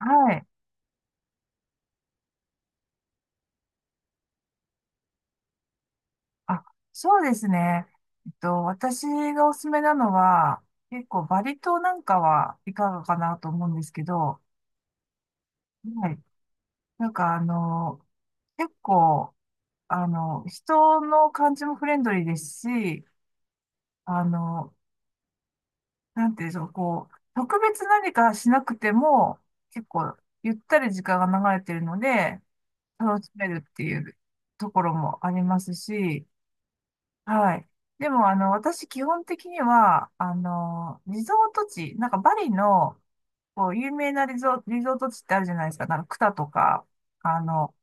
はい。あ、そうですね。私がおすすめなのは、結構バリ島なんかはいかがかなと思うんですけど、はい。なんか結構、人の感じもフレンドリーですし、あの、なんていうんでしょう、こう、特別何かしなくても、結構、ゆったり時間が流れてるので、楽しめるっていうところもありますし、はい。でも、私、基本的には、リゾート地、なんかバリの、こう、有名なリゾート地ってあるじゃないですか。なんか、クタとか、あの、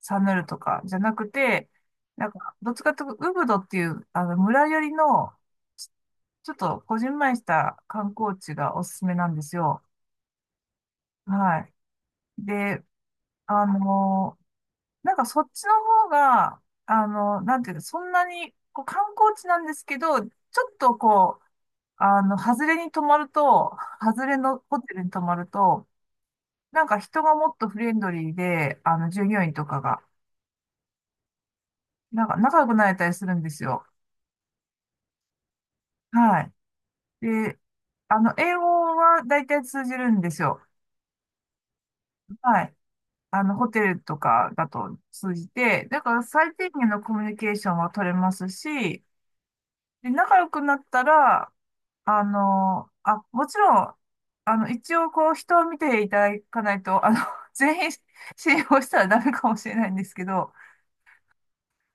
サヌルとか、じゃなくて、なんか、どっちかというと、ウブドっていう、村寄りの、ちょっと、こじんまりした観光地がおすすめなんですよ。はい。で、あの、なんか、そっちの方が、なんていうの、そんなに、こう、観光地なんですけど、ちょっとこう、外れに泊まると、外れのホテルに泊まると、なんか人がもっとフレンドリーで、従業員とかが、なんか仲良くなれたりするんですよ。はい。で、英語は大体通じるんですよ。はい。ホテルとかだと通じて、だから最低限のコミュニケーションは取れますし、で、仲良くなったら、あ、もちろん、一応こう人を見ていただかないと、全員信用したらダメかもしれないんですけど、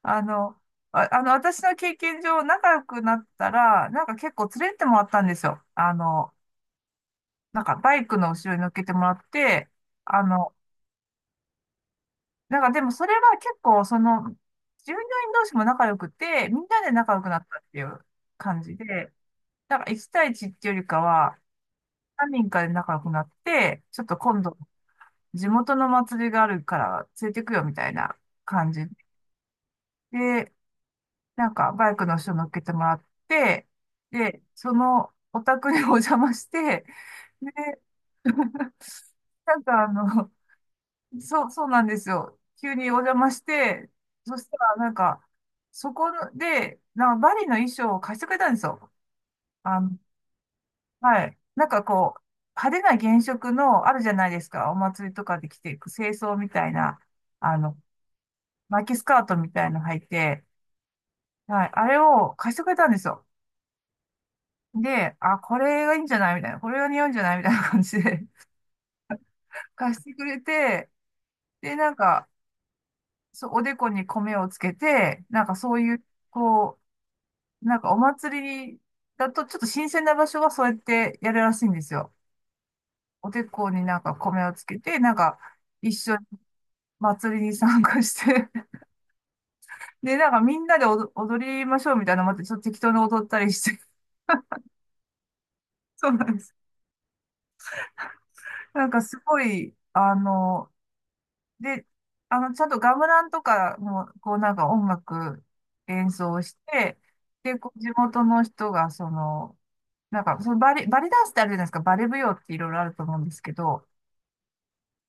あの、私の経験上仲良くなったら、なんか結構連れてってもらったんですよ。なんかバイクの後ろに乗っけてもらって、あの、なんかでもそれは結構その、従業員同士も仲良くて、みんなで仲良くなったっていう感じで、なんか1対1っていうよりかは、何人かで仲良くなって、ちょっと今度地元の祭りがあるから連れてくよみたいな感じで、なんかバイクの人乗っけてもらって、で、そのお宅にお邪魔して、で、なんかそう、そうなんですよ。急にお邪魔して、そしたらなんか、そこで、なんかバリの衣装を貸してくれたんですよ。あの、はい。なんかこう、派手な原色のあるじゃないですか。お祭りとかで着ていく清装みたいな、あの、巻きスカートみたいの履いて、はい。あれを貸してくれたんですよ。で、あ、これがいいんじゃないみたいな。これが似合うんじゃないみたいな感じで 貸してくれて、で、なんか、そう、おでこに米をつけて、なんかそういう、こう、なんかお祭りだとちょっと新鮮な場所はそうやってやるらしいんですよ。おでこになんか米をつけて、なんか一緒に祭りに参加して で、なんかみんなで踊りましょうみたいなのもあって、ちょっと適当に踊ったりして。そうなんです。なんかすごい、で、ちゃんとガムランとかの、こうなんか音楽演奏して、で、こう地元の人が、その、なんか、そのバリダンスってあるじゃないですか、バレ舞踊っていろいろあると思うんですけど、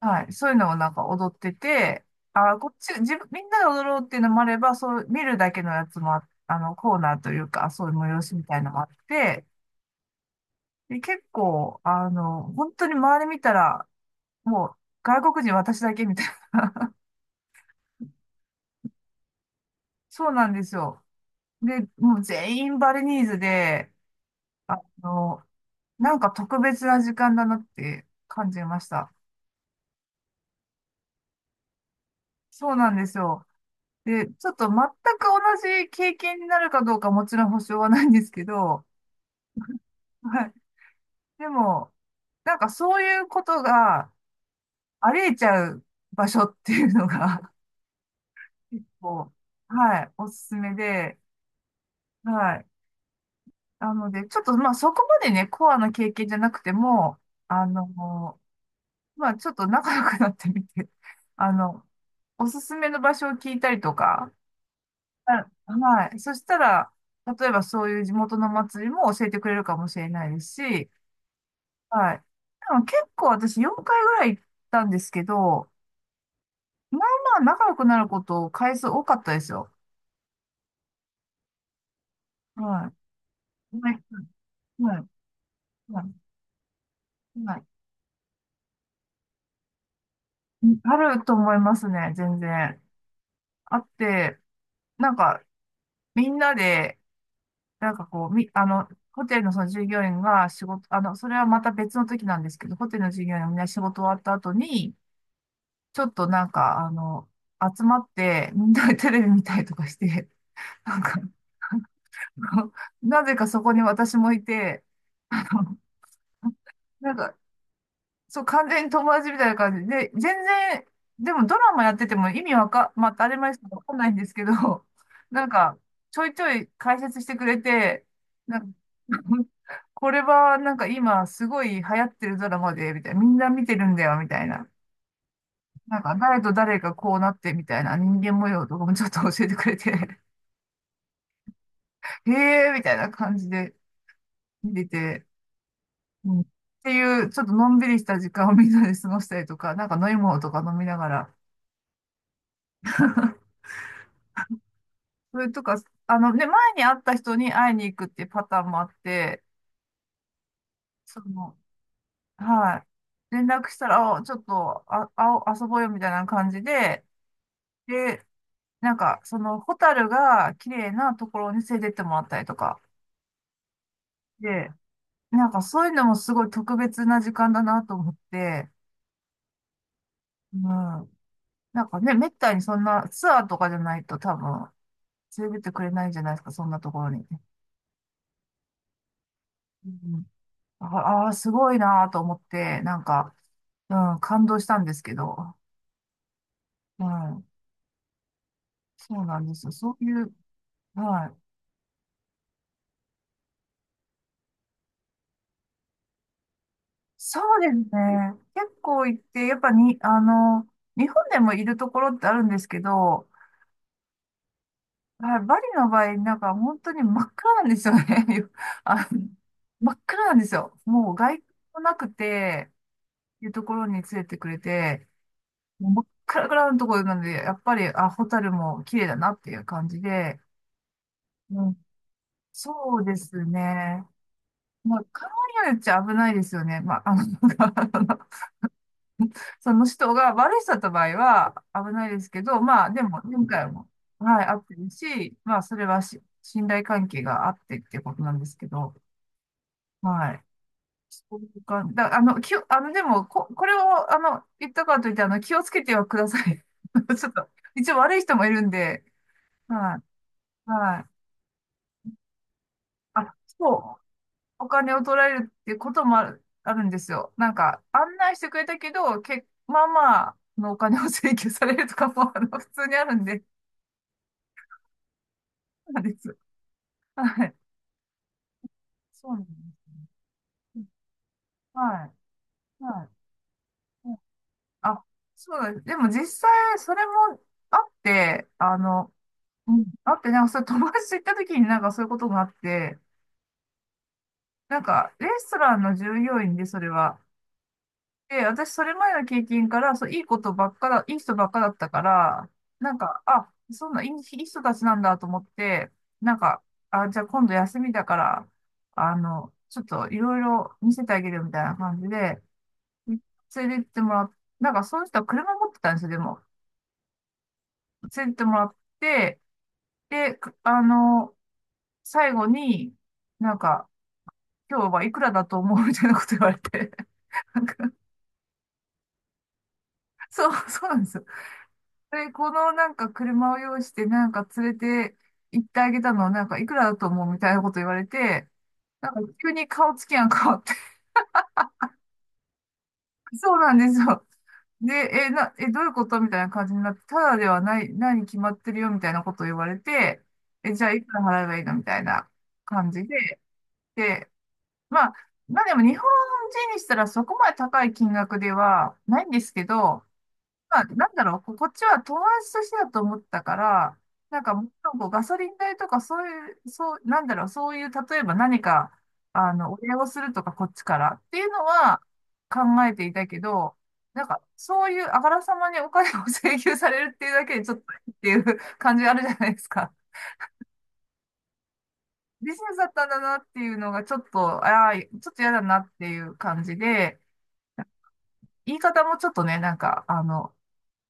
はい、そういうのをなんか踊ってて、あ、こっち、自分、みんなで踊ろうっていうのもあれば、そう、見るだけのやつもコーナーというか、そういう催しみたいのもあって、で、結構、本当に周り見たら、もう、外国人私だけみたいな。そうなんですよ。で、もう全員バリニーズで、あの、なんか特別な時間だなって感じました。そうなんですよ。で、ちょっと全く同じ経験になるかどうかもちろん保証はないんですけど、はい。でも、なんかそういうことがありえちゃう場所っていうのが 結構、はい、おすすめで、はい。なので、ちょっとまあそこまでね、コアな経験じゃなくても、あの、まあ、ちょっと仲良くなってみて、あの、おすすめの場所を聞いたりとか、あはい。そしたら、例えばそういう地元の祭りも教えてくれるかもしれないですし、はい。でも結構私4回ぐらい行ったんですけど、まあまあ仲良くなること回数多かったですよ。はい。はい。はい。はい。はい、あると思いますね、全然。あって、なんか、みんなで、なんかこう、み、あの、ホテルのその従業員が仕事、それはまた別の時なんですけど、ホテルの従業員がみんな仕事終わった後に、ちょっとなんか、集まって、みんなでテレビ見たりとかして、なんか、あのなぜかそこに私もいて、あのなんか、そう、完全に友達みたいな感じで、全然、でもドラマやってても意味わか、まあ、当たり前ですけどわかんないんですけど、なんか、ちょいちょい解説してくれて、なんか、これはなんか今すごい流行ってるドラマで、みたいな、みんな見てるんだよ、みたいな。なんか、誰と誰がこうなって、みたいな人間模様とかもちょっと教えてくれて、へえ、みたいな感じで見てて、うんっていう、ちょっとのんびりした時間をみんなで過ごしたりとか、なんか飲み物とか飲みながら、それとか、あのね、前に会った人に会いに行くっていうパターンもあって、その、はい。連絡したら、あちょっと、遊ぼうよみたいな感じで、で、なんか、その、ホタルが綺麗なところに連れてってもらったりとか。で、なんかそういうのもすごい特別な時間だなと思って、うん。なんかね、めったにそんなツアーとかじゃないと多分、連れてってくれないんじゃないですか、そんなところに。うん、すごいなと思って、なんか、うん、感動したんですけど。うん、そうなんですよ。そういう、はい。そうですね。結構行って、やっぱに、日本でもいるところってあるんですけど、はい、バリの場合、なんか本当に真っ暗なんですよね。あの、真っ暗なんですよ。もう外光もなくて、いうところに連れてくれて、もう真っ暗のところなんで、やっぱり、あ、ホタルも綺麗だなっていう感じで、そうですね。まあ、考えによっちゃ危ないですよね。まあ、その人が悪い人だった場合は危ないですけど、まあ、でも、前回も、はい、あってるし、まあ、それは信頼関係があってっていうことなんですけど、はい。そういうか、だ、あの、でも、これを、言ったからといって、気をつけてはください。ちょっと、一応悪い人もいるんで、はい、はい。あ、そう。お金を取られるっていうこともある、あるんですよ。案内してくれたけど、まあまあのお金を請求されるとかも、普通にあるんで、そうなんです。はい。そうなんですね。はい。はい。うん、あ、そうなんです。でも実際、それもあって、うんあって、それ友達と行った時になんかそういうことがあって、なんか、レストランの従業員で、それは、で、私、それ前の経験から、いい人ばっかだったから、なんか、あ、そんな、いい人たちなんだと思って、なんか、あ、じゃあ今度休みだから、ちょっといろいろ見せてあげるよみたいな感じで、連れてってもらっ、なんか、その人は車持ってたんですよ、でも。連れてってもらって、で、最後に、なんか、今日はいくらだと思うみたいなこと言われて、なんか、そうなんですよ。で、このなんか車を用意してなんか連れて行ってあげたのはなんかいくらだと思うみたいなこと言われて、なんか急に顔つきが変わって、そうなんですよ。で、え、な、え、どういうことみたいな感じになって、ただではない、何決まってるよみたいなことを言われて、え、じゃあいくら払えばいいのみたいな感じで、で、まあ、まあでも日本人にしたらそこまで高い金額ではないんですけど、まあ、なんだろう、こっちは友達としてだと思ったから、なんかもっとこうガソリン代とかそういう、なんだろう、そういう、例えば何か、お礼をするとかこっちからっていうのは考えていたけど、なんかそういうあからさまにお金を請求されるっていうだけでちょっとっていう 感じがあるじゃないですか。ビジネスだったんだなっていうのがちょっと、ああ、ちょっと嫌だなっていう感じで、言い方もちょっとね、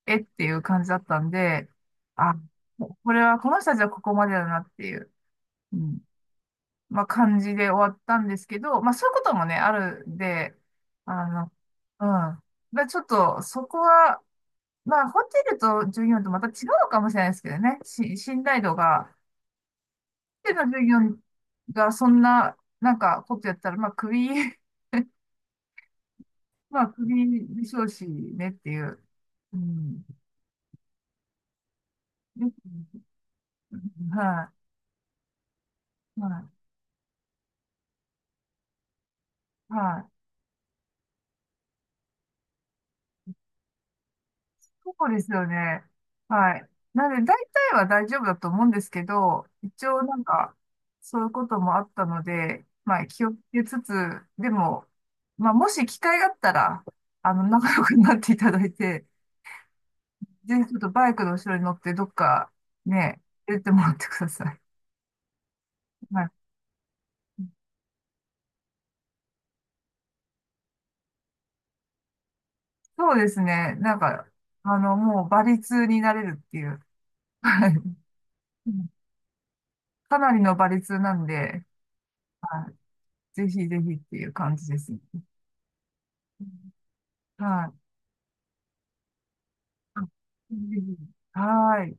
えっていう感じだったんで、あ、これは、この人たちはここまでだなっていう、うん、まあ感じで終わったんですけど、まあそういうこともね、あるんで、あの、うん。まあちょっと、そこは、まあホテルと従業員とまた違うのかもしれないですけどね、信頼度が、ホテルの従業員がそんななんかことやったら、まあクビ、まあクビでしょうしねっていう、うん。ですはい、はい、はい。そうですよね。はい。なので、大体は大丈夫だと思うんですけど、一応なんか、そういうこともあったので、まあ、気をつけつつ、でも、まあ、もし機会があったら、仲良くなっていただいて、ぜひちょっとバイクの後ろに乗って、どっか、ね、出てもらってください。はい。そうですね。もう、馬率になれるっていう。はい。かなりの馬率なんで、はい。ぜひぜひっていう感じですね。はい。あ、ぜひぜひはい。